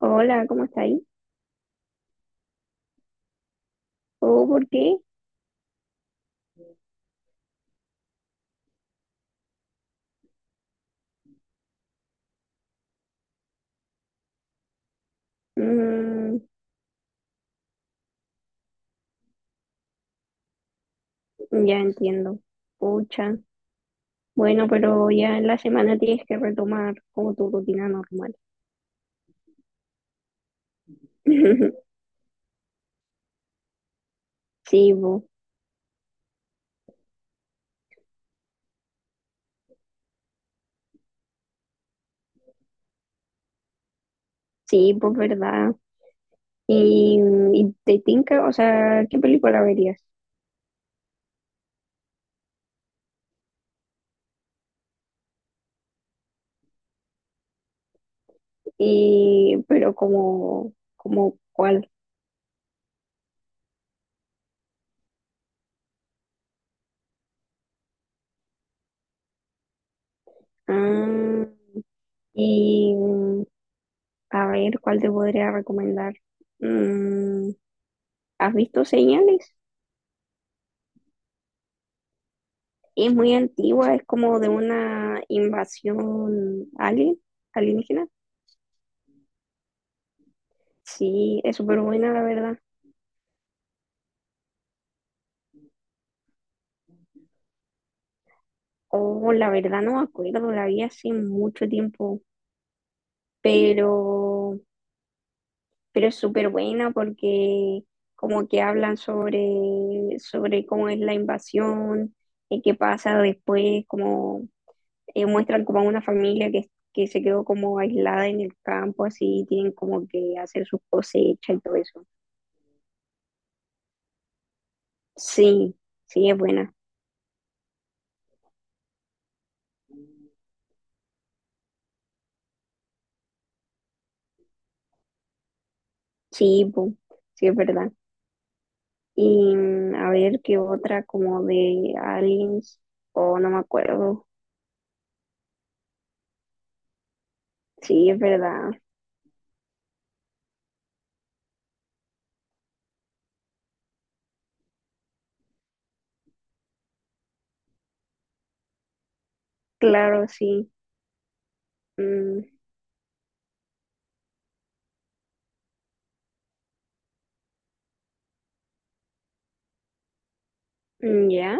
Hola, ¿cómo está ahí? ¿O por qué? Mm, ya entiendo. Pucha. Bueno, pero ya en la semana tienes que retomar como tu rutina normal. Sí, pues, sí, pues verdad. Y, y te tinca, o sea, ¿qué película verías? Y, pero como cuál. Ah, y a ver, ¿cuál te podría recomendar? Mm, ¿Has visto señales? Es muy antigua, es como de una invasión alienígena. Sí, es súper buena, la verdad. Oh, la verdad no me acuerdo, la vi hace mucho tiempo, pero, pero es súper buena porque como que hablan sobre cómo es la invasión, y qué pasa después, como muestran como a una familia que se quedó como aislada en el campo, así tienen como que hacer sus cosechas y todo eso. Sí, sí, es buena. Sí, bu, sí, es verdad. Y a ver qué otra, como de aliens, o no me acuerdo. Sí, es verdad. Claro, sí. Mm. Mm, ya.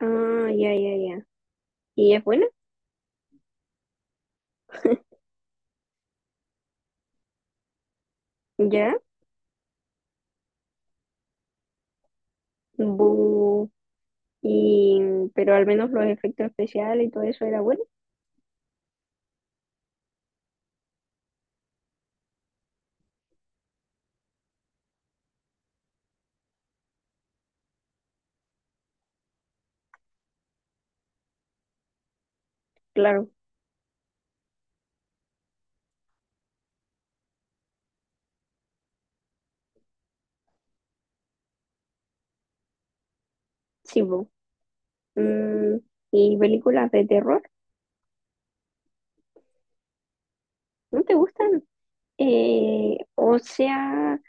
Ah, ya, ya, ya. Y es buena, ya. Bu. Y, pero al menos los efectos especiales y todo eso era bueno. Claro, sí, bu. Mm, y películas de terror, ¿no te gustan? O sea,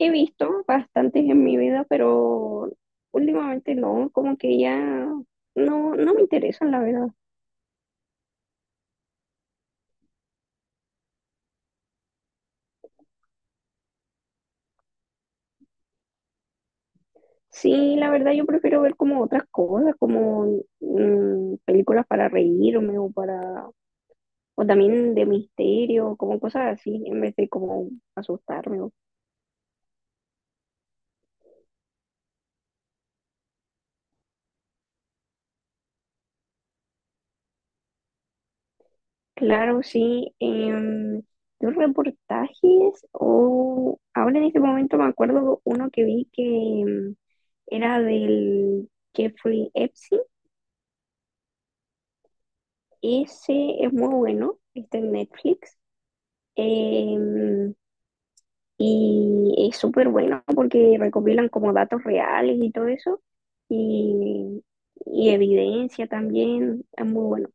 he visto bastantes en mi vida, pero últimamente no, como que ya no, no me interesan, la verdad. Sí, la verdad yo prefiero ver como otras cosas, como películas para reírme o también de misterio, como cosas así, en vez de como asustarme. O claro, sí, los reportajes, o ahora en este momento me acuerdo uno que vi que em, era del Jeffrey Epstein. Ese es muy bueno, está en Netflix. em, y es súper bueno porque recopilan como datos reales y todo eso. Y, y evidencia también. Es muy bueno.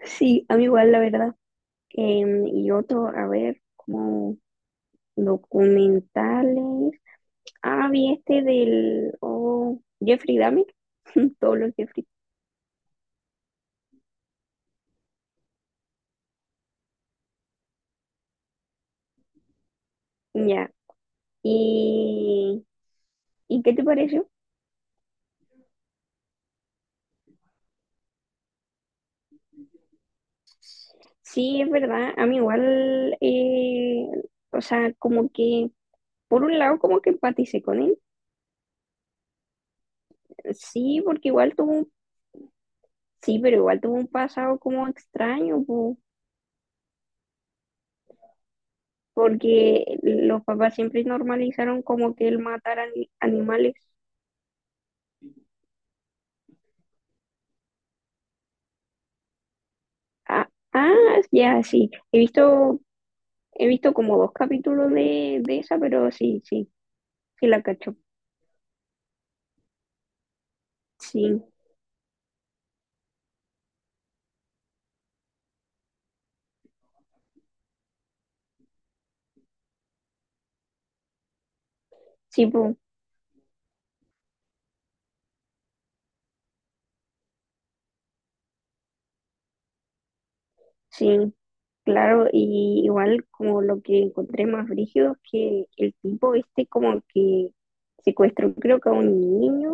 Sí, a mí igual, la verdad. Em, y otro, a ver, como documentales. Ah, vi este del oh, Jeffrey Dahmer. Todos los Jeffrey. Ya. Y, ¿y qué te pareció? Sí, es verdad. A mí igual, o sea, como que, por un lado, como que empaticé con él. Sí, porque igual tuvo sí, pero igual tuvo un pasado como extraño, po, porque los papás siempre normalizaron como que él matara animales. Ah, ah, ya, sí. He visto como dos capítulos de esa, pero sí, sí, sí la cacho. Sí, sí, po. Sí, claro, y igual como lo que encontré más brígido es que el tipo este como que secuestró creo que a un niño,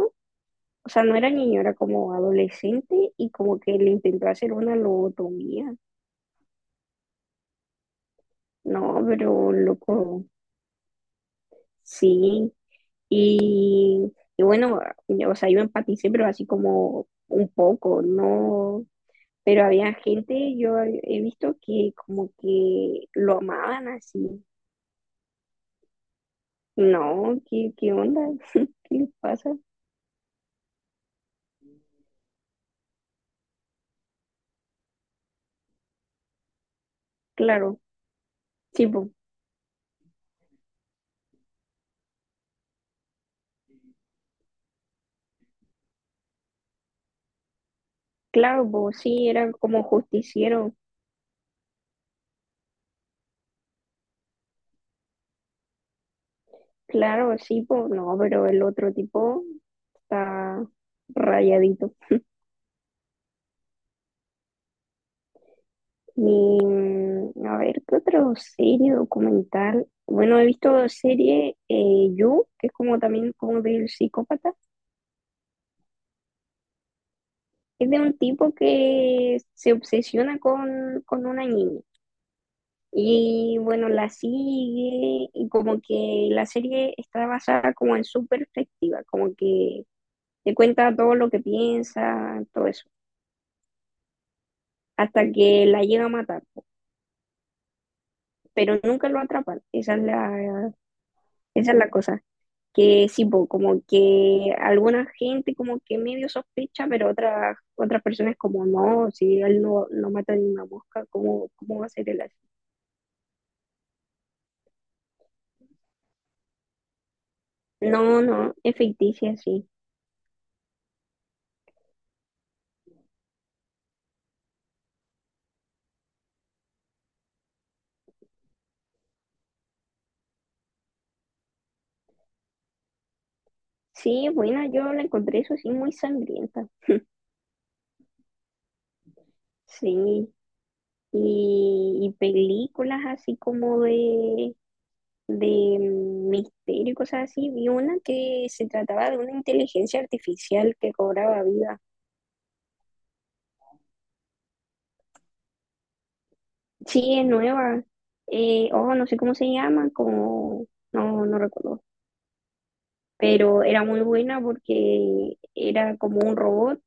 o sea, no era niño, era como adolescente y como que le intentó hacer una lobotomía. No, pero loco, sí. Y bueno, yo, o sea, yo empaticé, pero así como un poco, no. Pero había gente, yo he visto que como que lo amaban así. No, ¿qué, qué onda? ¿Qué le pasa? Claro, sí, po, claro, pues sí, era como justiciero. Claro, sí, pues no, pero el otro tipo está rayadito. Y, a ver, ¿qué otro serie documental? Bueno, he visto serie You, que es como también como del psicópata. Es de un tipo que se obsesiona con una niña. Y bueno, la sigue y como que la serie está basada como en su perspectiva, como que te cuenta todo lo que piensa, todo eso, hasta que la llega a matar, po. Pero nunca lo atrapan, esa es la cosa, que sí, po, como que alguna gente como que medio sospecha, pero otras personas como no, si él no, no mata ni una mosca, ¿cómo, cómo va a ser el así? No, no, es ficticia, sí. Sí, bueno, yo la encontré eso sí muy sangrienta. Sí, y películas así de misterio y cosas así. Vi una que se trataba de una inteligencia artificial que cobraba vida. Sí, es nueva. Oh, no sé cómo se llama, como, no, no recuerdo. Pero era muy buena porque era como un robot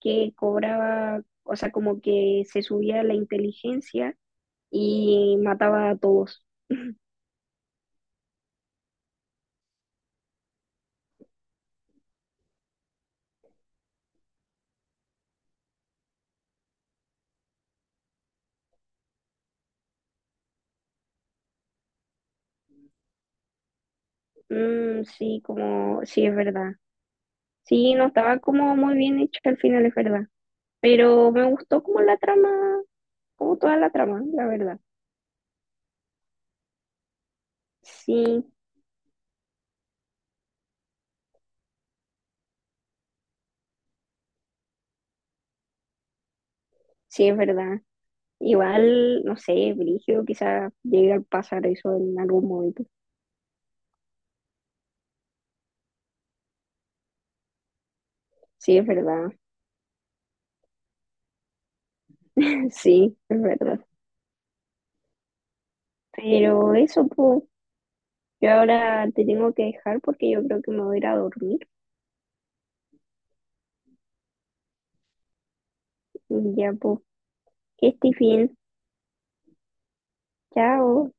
que cobraba, o sea, como que se subía la inteligencia y mataba a todos. Sí, es verdad. Sí, no estaba como muy bien hecho al final, es verdad. Pero me gustó como la trama, como toda la trama, la verdad. Sí, sí, es verdad. Igual, no sé, Brigio quizás llegue a pasar eso en algún momento. Sí, es verdad. Sí, es verdad. Pero eso, pues, yo ahora te tengo que dejar porque yo creo que me voy a ir a dormir. Y ya, pues, que este bien. Chao.